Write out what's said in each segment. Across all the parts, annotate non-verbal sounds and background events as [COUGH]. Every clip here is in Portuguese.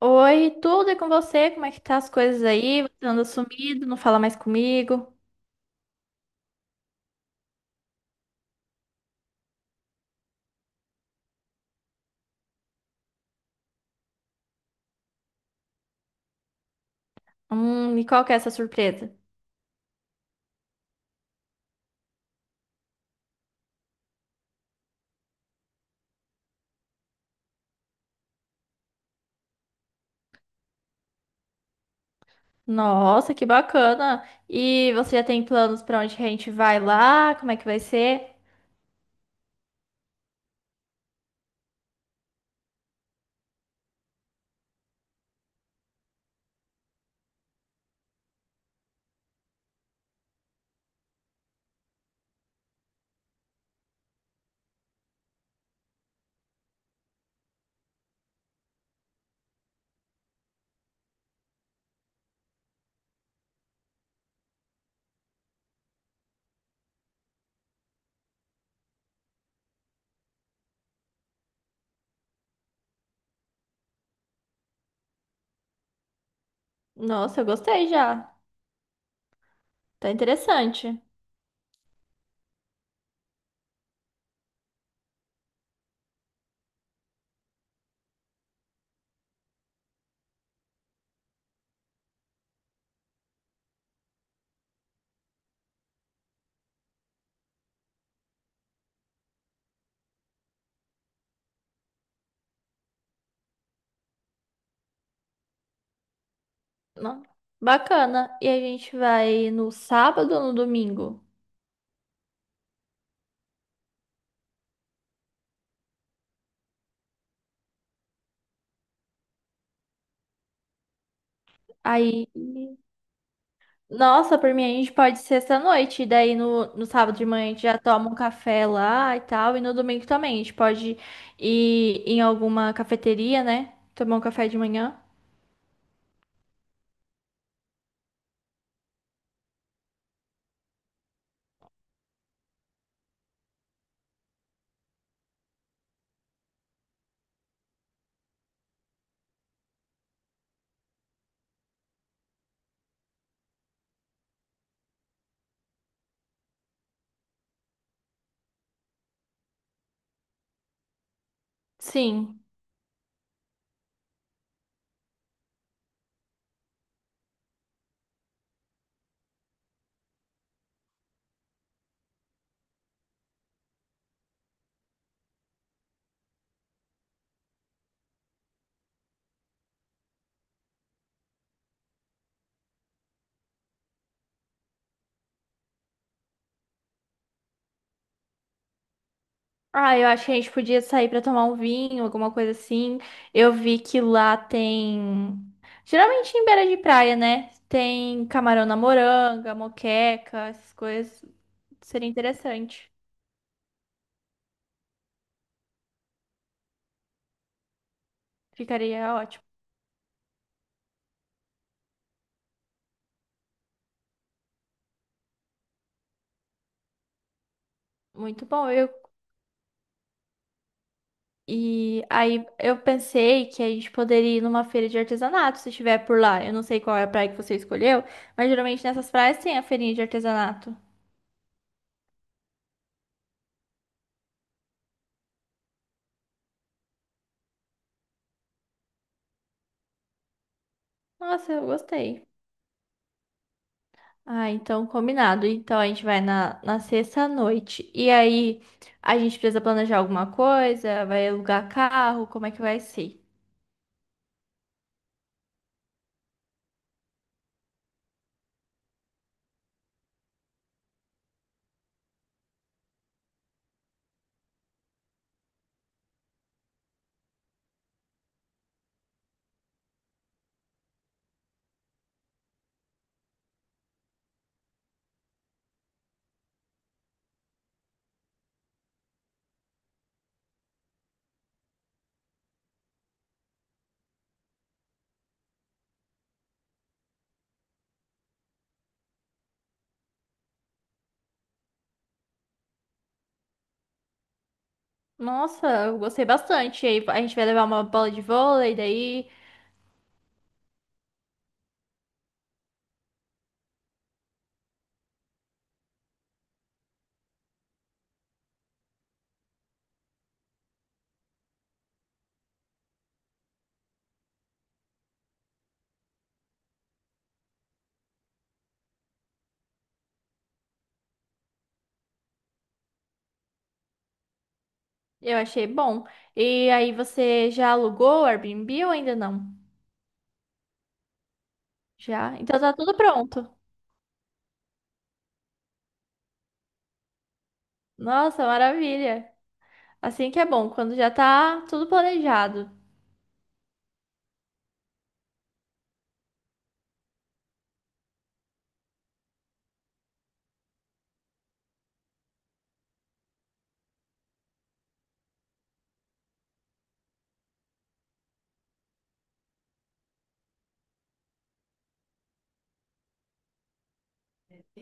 Oi, tudo é com você? Como é que tá as coisas aí? Você anda sumido, não fala mais comigo? E qual que é essa surpresa? Nossa, que bacana! E você já tem planos pra onde que a gente vai lá? Como é que vai ser? Nossa, eu gostei já. Tá interessante. Não? Bacana. E a gente vai no sábado ou no domingo? Aí. Nossa, por mim a gente pode ir sexta-noite, e daí no sábado de manhã a gente já toma um café lá e tal, e no domingo também. A gente pode ir em alguma cafeteria, né? Tomar um café de manhã. Sim. Ah, eu acho que a gente podia sair pra tomar um vinho, alguma coisa assim. Eu vi que lá tem. Geralmente em beira de praia, né? Tem camarão na moranga, moqueca, essas coisas. Seria interessante. Ficaria ótimo. Muito bom. Eu e aí eu pensei que a gente poderia ir numa feira de artesanato, se estiver por lá. Eu não sei qual é a praia que você escolheu, mas geralmente nessas praias tem a feirinha de artesanato. Nossa, eu gostei. Ah, então combinado. Então a gente vai na sexta à noite. E aí a gente precisa planejar alguma coisa, vai alugar carro, como é que vai ser? Nossa, eu gostei bastante. E aí a gente vai levar uma bola de vôlei, daí eu achei bom. E aí você já alugou o Airbnb ou ainda não? Já? Então tá tudo pronto. Nossa, maravilha. Assim que é bom, quando já tá tudo planejado.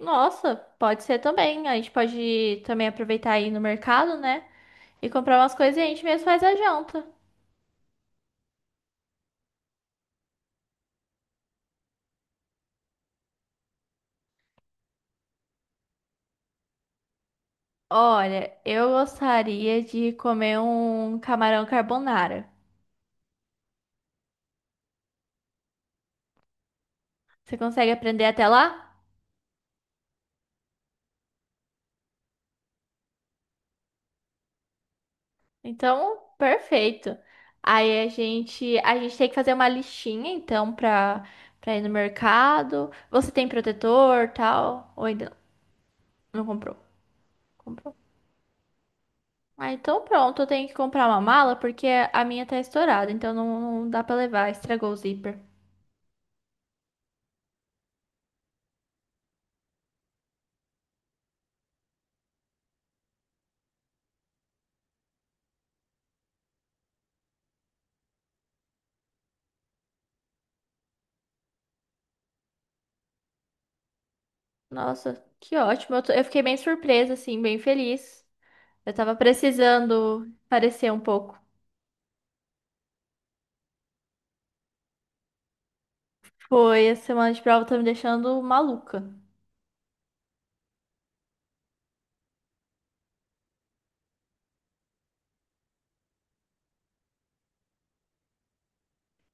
Nossa, pode ser também. A gente pode também aproveitar aí no mercado, né? E comprar umas coisas e a gente mesmo faz a janta. Olha, eu gostaria de comer um camarão carbonara. Você consegue aprender até lá? Então, perfeito. Aí a gente tem que fazer uma listinha, então, pra, pra ir no mercado. Você tem protetor, tal? Ou ainda não comprou. Comprou. Ah, então pronto, eu tenho que comprar uma mala porque a minha tá estourada, então não dá pra levar, estragou o zíper. Nossa, que ótimo. Eu, eu fiquei bem surpresa, assim, bem feliz. Eu tava precisando parecer um pouco. Foi, a semana de prova tá me deixando maluca.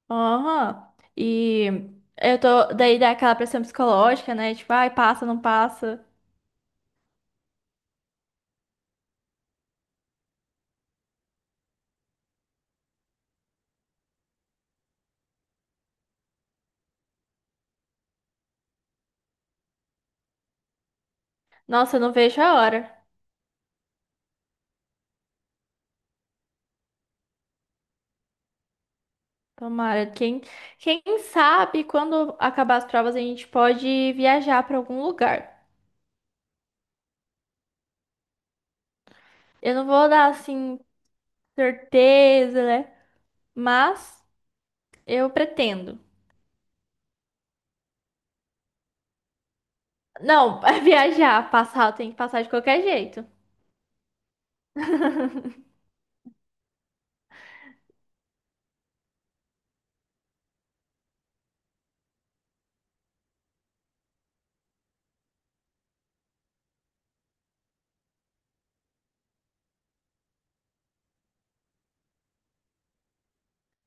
Aham. E eu tô, daí dá aquela pressão psicológica, né? Tipo, ai, passa, não passa. Nossa, eu não vejo a hora. Tomara. Quem sabe quando acabar as provas a gente pode viajar para algum lugar. Eu não vou dar assim certeza, né? Mas eu pretendo. Não, [LAUGHS] viajar, passar, tem que passar de qualquer jeito.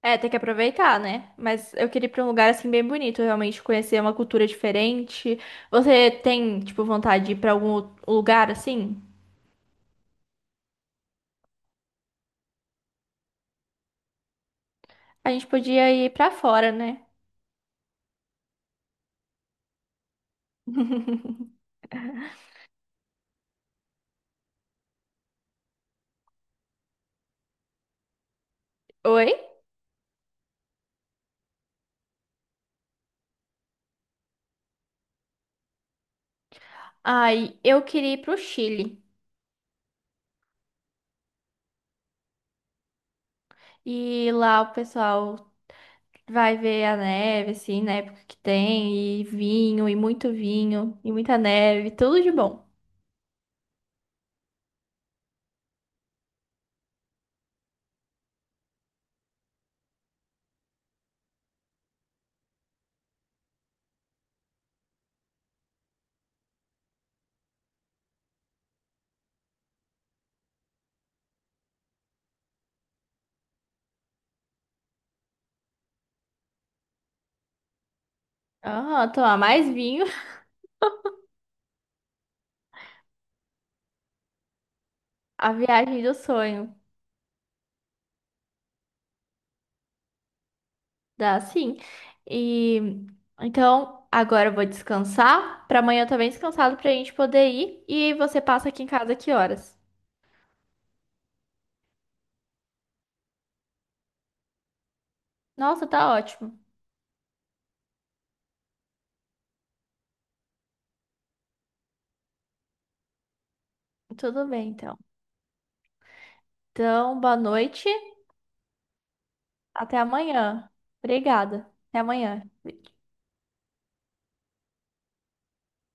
É, tem que aproveitar, né? Mas eu queria ir pra um lugar assim bem bonito, realmente conhecer uma cultura diferente. Você tem, tipo, vontade de ir pra algum lugar assim? A gente podia ir pra fora, né? Oi? Ai, eu queria ir pro Chile. E lá o pessoal vai ver a neve, assim, na época que tem, e vinho, e muito vinho, e muita neve, tudo de bom. Aham, tomar mais vinho, [LAUGHS] a viagem do sonho, dá sim. E então, agora eu vou descansar, pra amanhã eu tô bem descansado pra gente poder ir, e você passa aqui em casa que horas? Nossa, tá ótimo. Tudo bem, então. Então, boa noite, até amanhã. Obrigada. Até amanhã.